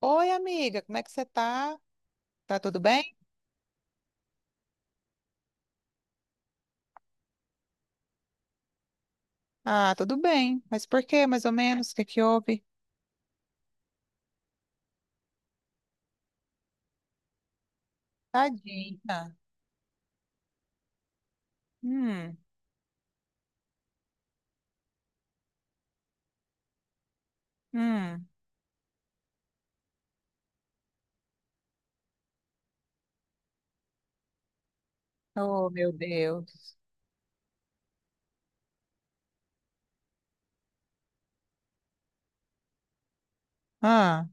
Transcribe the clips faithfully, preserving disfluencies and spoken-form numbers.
Oi, amiga, como é que você tá? Tá tudo bem? Ah, tudo bem. Mas por quê, mais ou menos? O que que houve? Tadinha. Hum, hum. Oh, meu Deus. Ah.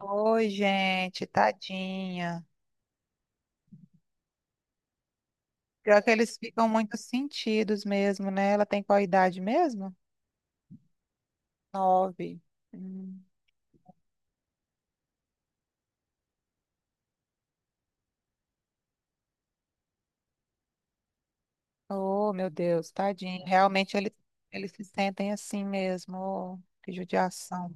Oi, gente, tadinha. Pior que eles ficam muito sentidos mesmo, né? Ela tem qual idade mesmo? Nove. Hum. Oh, meu Deus, tadinha. Realmente eles, eles se sentem assim mesmo. Oh, que judiação.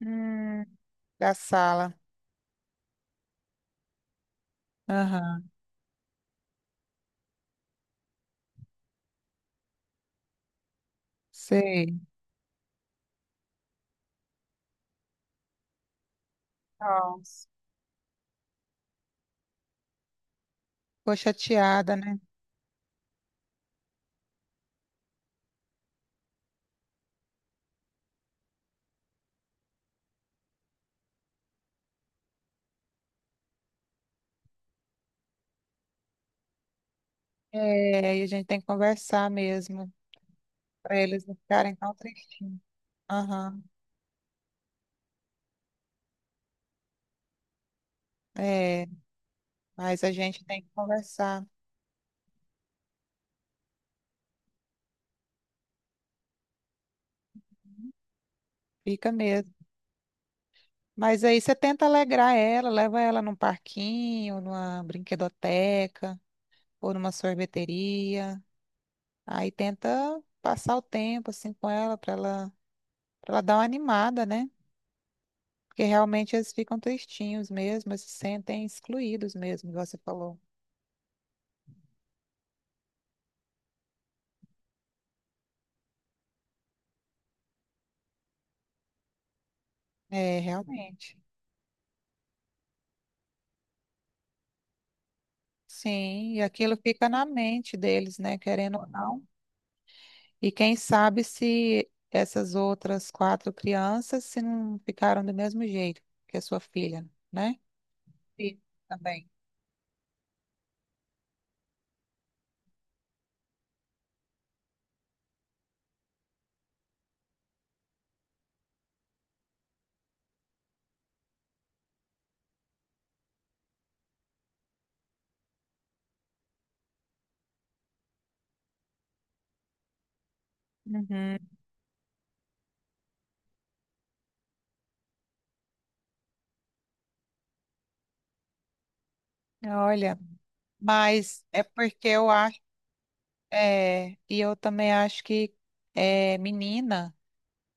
Hum, Da sala. Aham, sei. Nossa, ficou chateada, né? É, e a gente tem que conversar mesmo, para eles não ficarem tão tristes. Aham, é, mas a gente tem que conversar, fica mesmo. Mas aí você tenta alegrar ela, leva ela num parquinho, numa brinquedoteca, ou numa sorveteria. Aí tenta passar o tempo assim com ela, para ela, para ela dar uma animada, né? Porque realmente eles ficam tristinhos mesmo, eles se sentem excluídos mesmo, igual você falou. É, realmente. Sim, e aquilo fica na mente deles, né, querendo ou não. E quem sabe se essas outras quatro crianças se não ficaram do mesmo jeito que a sua filha, né? Sim, também. Uhum. Olha, mas é porque eu acho, é, e eu também acho que é, menina,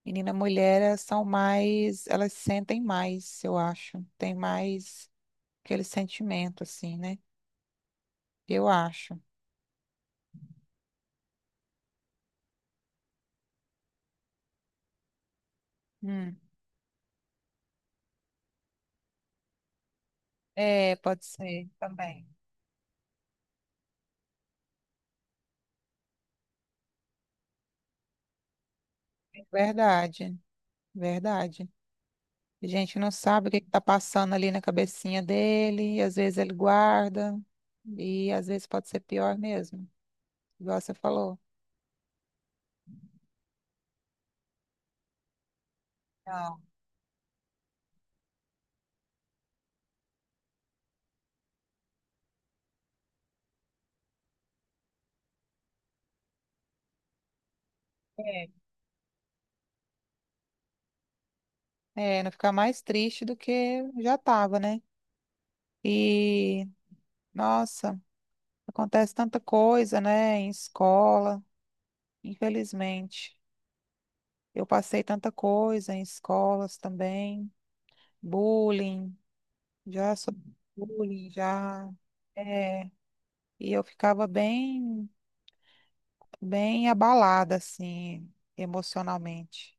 menina mulher, elas são mais, elas sentem mais, eu acho, tem mais aquele sentimento, assim, né? Eu acho. É, pode ser também. Verdade, verdade. A gente não sabe o que está passando ali na cabecinha dele, e às vezes ele guarda, e às vezes pode ser pior mesmo, igual você falou. Não, é. É, não ficar mais triste do que já estava, né? E, nossa, acontece tanta coisa, né, em escola, infelizmente. Eu passei tanta coisa em escolas também, bullying. Já sofri bullying, já. É, e eu ficava bem, bem abalada, assim, emocionalmente.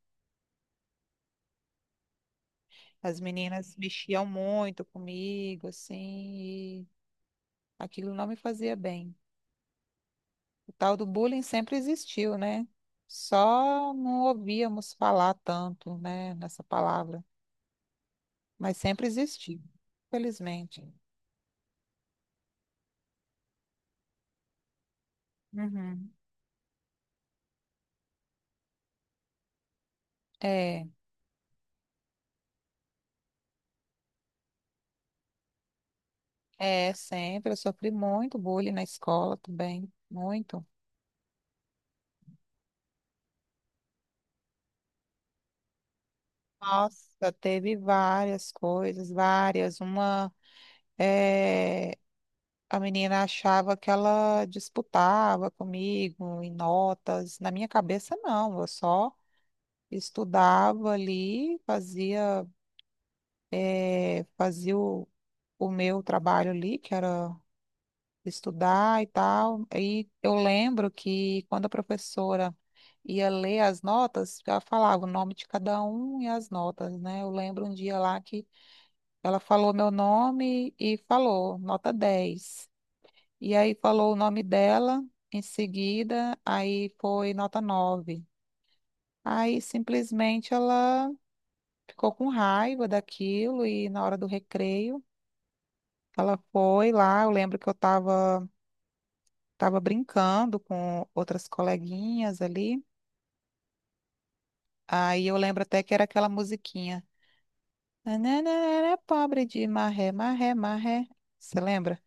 As meninas mexiam muito comigo, assim, e aquilo não me fazia bem. O tal do bullying sempre existiu, né? Só não ouvíamos falar tanto, né, nessa palavra, mas sempre existiu, felizmente. Uhum. É, é, sempre. Eu sofri muito bullying na escola também, muito. Nossa, teve várias coisas, várias. Uma, eh, a menina achava que ela disputava comigo em notas. Na minha cabeça, não. Eu só estudava ali, fazia, eh, fazia o, o meu trabalho ali, que era estudar e tal. E eu lembro que quando a professora ia ler as notas, ela falava o nome de cada um e as notas, né? Eu lembro um dia lá que ela falou meu nome e falou, nota dez. E aí falou o nome dela em seguida, aí foi nota nove. Aí simplesmente ela ficou com raiva daquilo e na hora do recreio ela foi lá. Eu lembro que eu estava tava brincando com outras coleguinhas ali. Aí eu lembro até que era aquela musiquinha. Nananana, pobre de marré, marré, marré. Você lembra?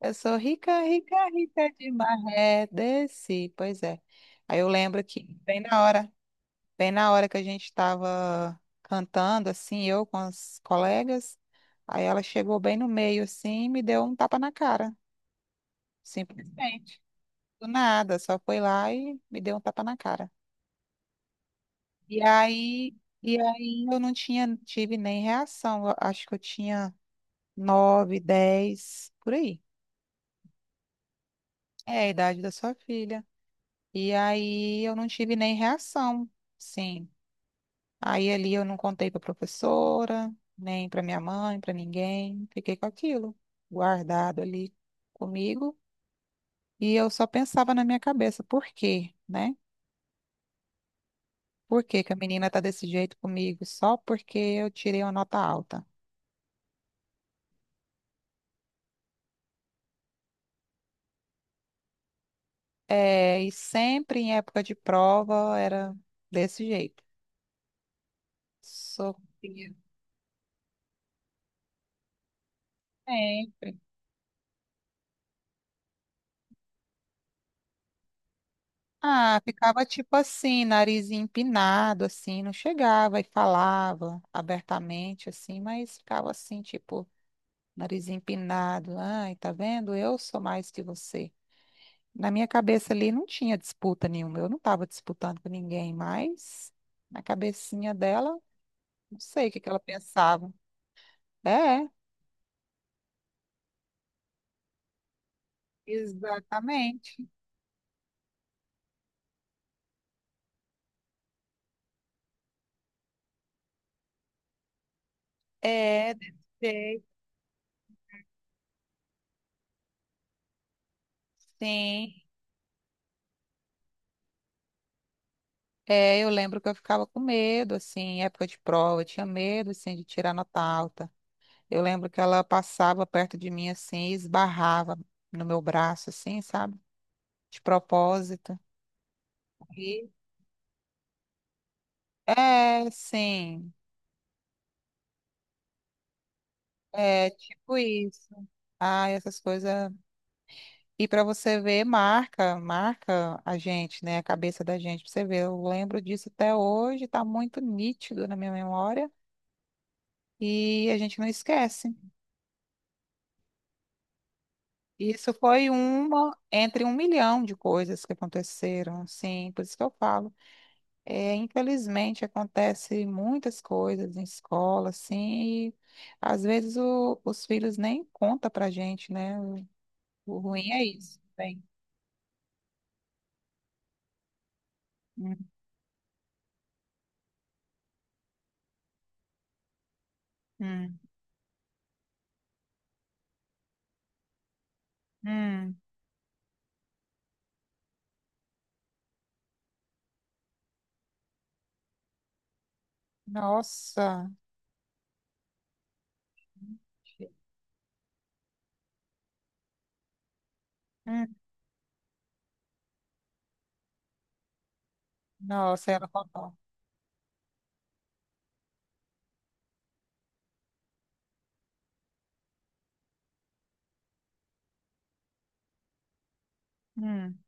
Eu sou rica, rica, rica de maré, desci. Pois é. Aí eu lembro que, bem na hora, bem na hora que a gente estava cantando, assim, eu com as colegas, aí ela chegou bem no meio, assim, e me deu um tapa na cara, simplesmente. Do nada, só foi lá e me deu um tapa na cara. E aí, e aí eu não tinha, tive nem reação. Eu acho que eu tinha nove, dez, por aí. É a idade da sua filha. E aí eu não tive nem reação, sim. Aí ali eu não contei para professora, nem para minha mãe, para ninguém. Fiquei com aquilo guardado ali comigo. E eu só pensava na minha cabeça, por quê, né? Por que que a menina tá desse jeito comigo só porque eu tirei uma nota alta? É, e sempre em época de prova era desse jeito. Sou Sempre. Ah, ficava tipo assim, nariz empinado, assim, não chegava e falava abertamente, assim, mas ficava assim, tipo, nariz empinado. Ai, tá vendo? Eu sou mais que você. Na minha cabeça ali não tinha disputa nenhuma, eu não estava disputando com ninguém, mas na cabecinha dela, não sei o que que ela pensava. É, exatamente. É, desse jeito. Sim. É, eu lembro que eu ficava com medo, assim, em época de prova, eu tinha medo, assim, de tirar nota alta. Eu lembro que ela passava perto de mim, assim, e esbarrava no meu braço, assim, sabe? De propósito. E, é, sim, é tipo isso. Ah, essas coisas. E para você ver, marca, marca a gente, né? A cabeça da gente, pra você ver. Eu lembro disso até hoje, tá muito nítido na minha memória e a gente não esquece. Isso foi uma entre um milhão de coisas que aconteceram, assim, por isso que eu falo. É, infelizmente acontece muitas coisas em escola, assim, e às vezes o- os filhos nem contam pra gente, né? O, o ruim é isso. Bem, hum, hum, hum. Nossa, hum, nossa, ela contou. Hum,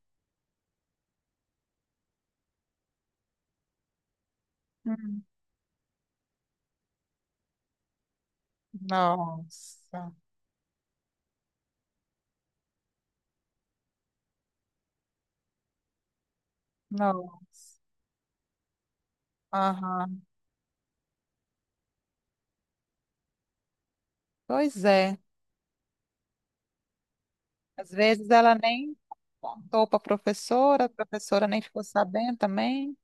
hum. Nossa, nossa, aham. Pois é. Às vezes ela nem contou para a professora, a professora nem ficou sabendo também.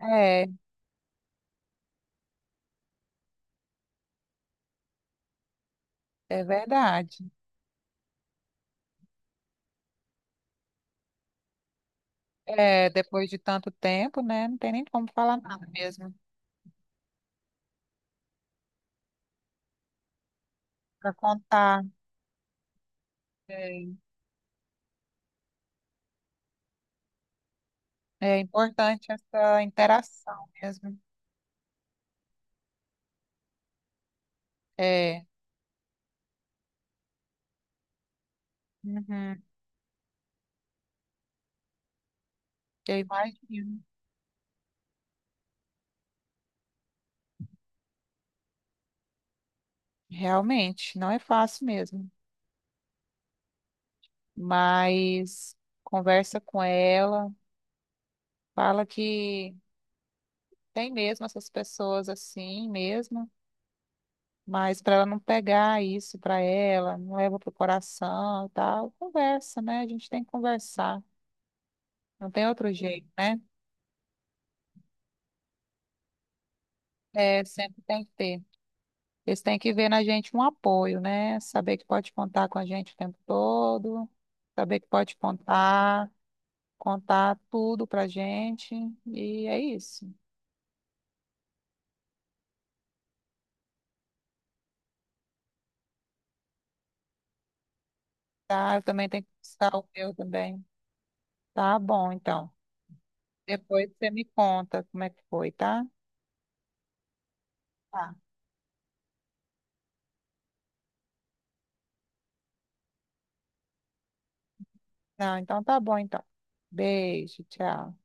É, é verdade. É, depois de tanto tempo, né? Não tem nem como falar nada mesmo para contar. É, é importante essa interação mesmo. É, uhum, eu imagino. Realmente, não é fácil mesmo. Mas conversa com ela, fala que tem mesmo essas pessoas assim mesmo. Mas para ela não pegar isso para ela, não leva pro coração e tal, conversa, né? A gente tem que conversar. Não tem outro jeito, né? É, sempre tem que ter. Eles têm que ver na gente um apoio, né? Saber que pode contar com a gente o tempo todo, saber que pode contar, contar tudo pra gente. E é isso. Tá? Eu também tenho que buscar o meu também. Tá bom, então. Depois você me conta como é que foi, tá? Tá. Não, então tá bom, então. Beijo, tchau.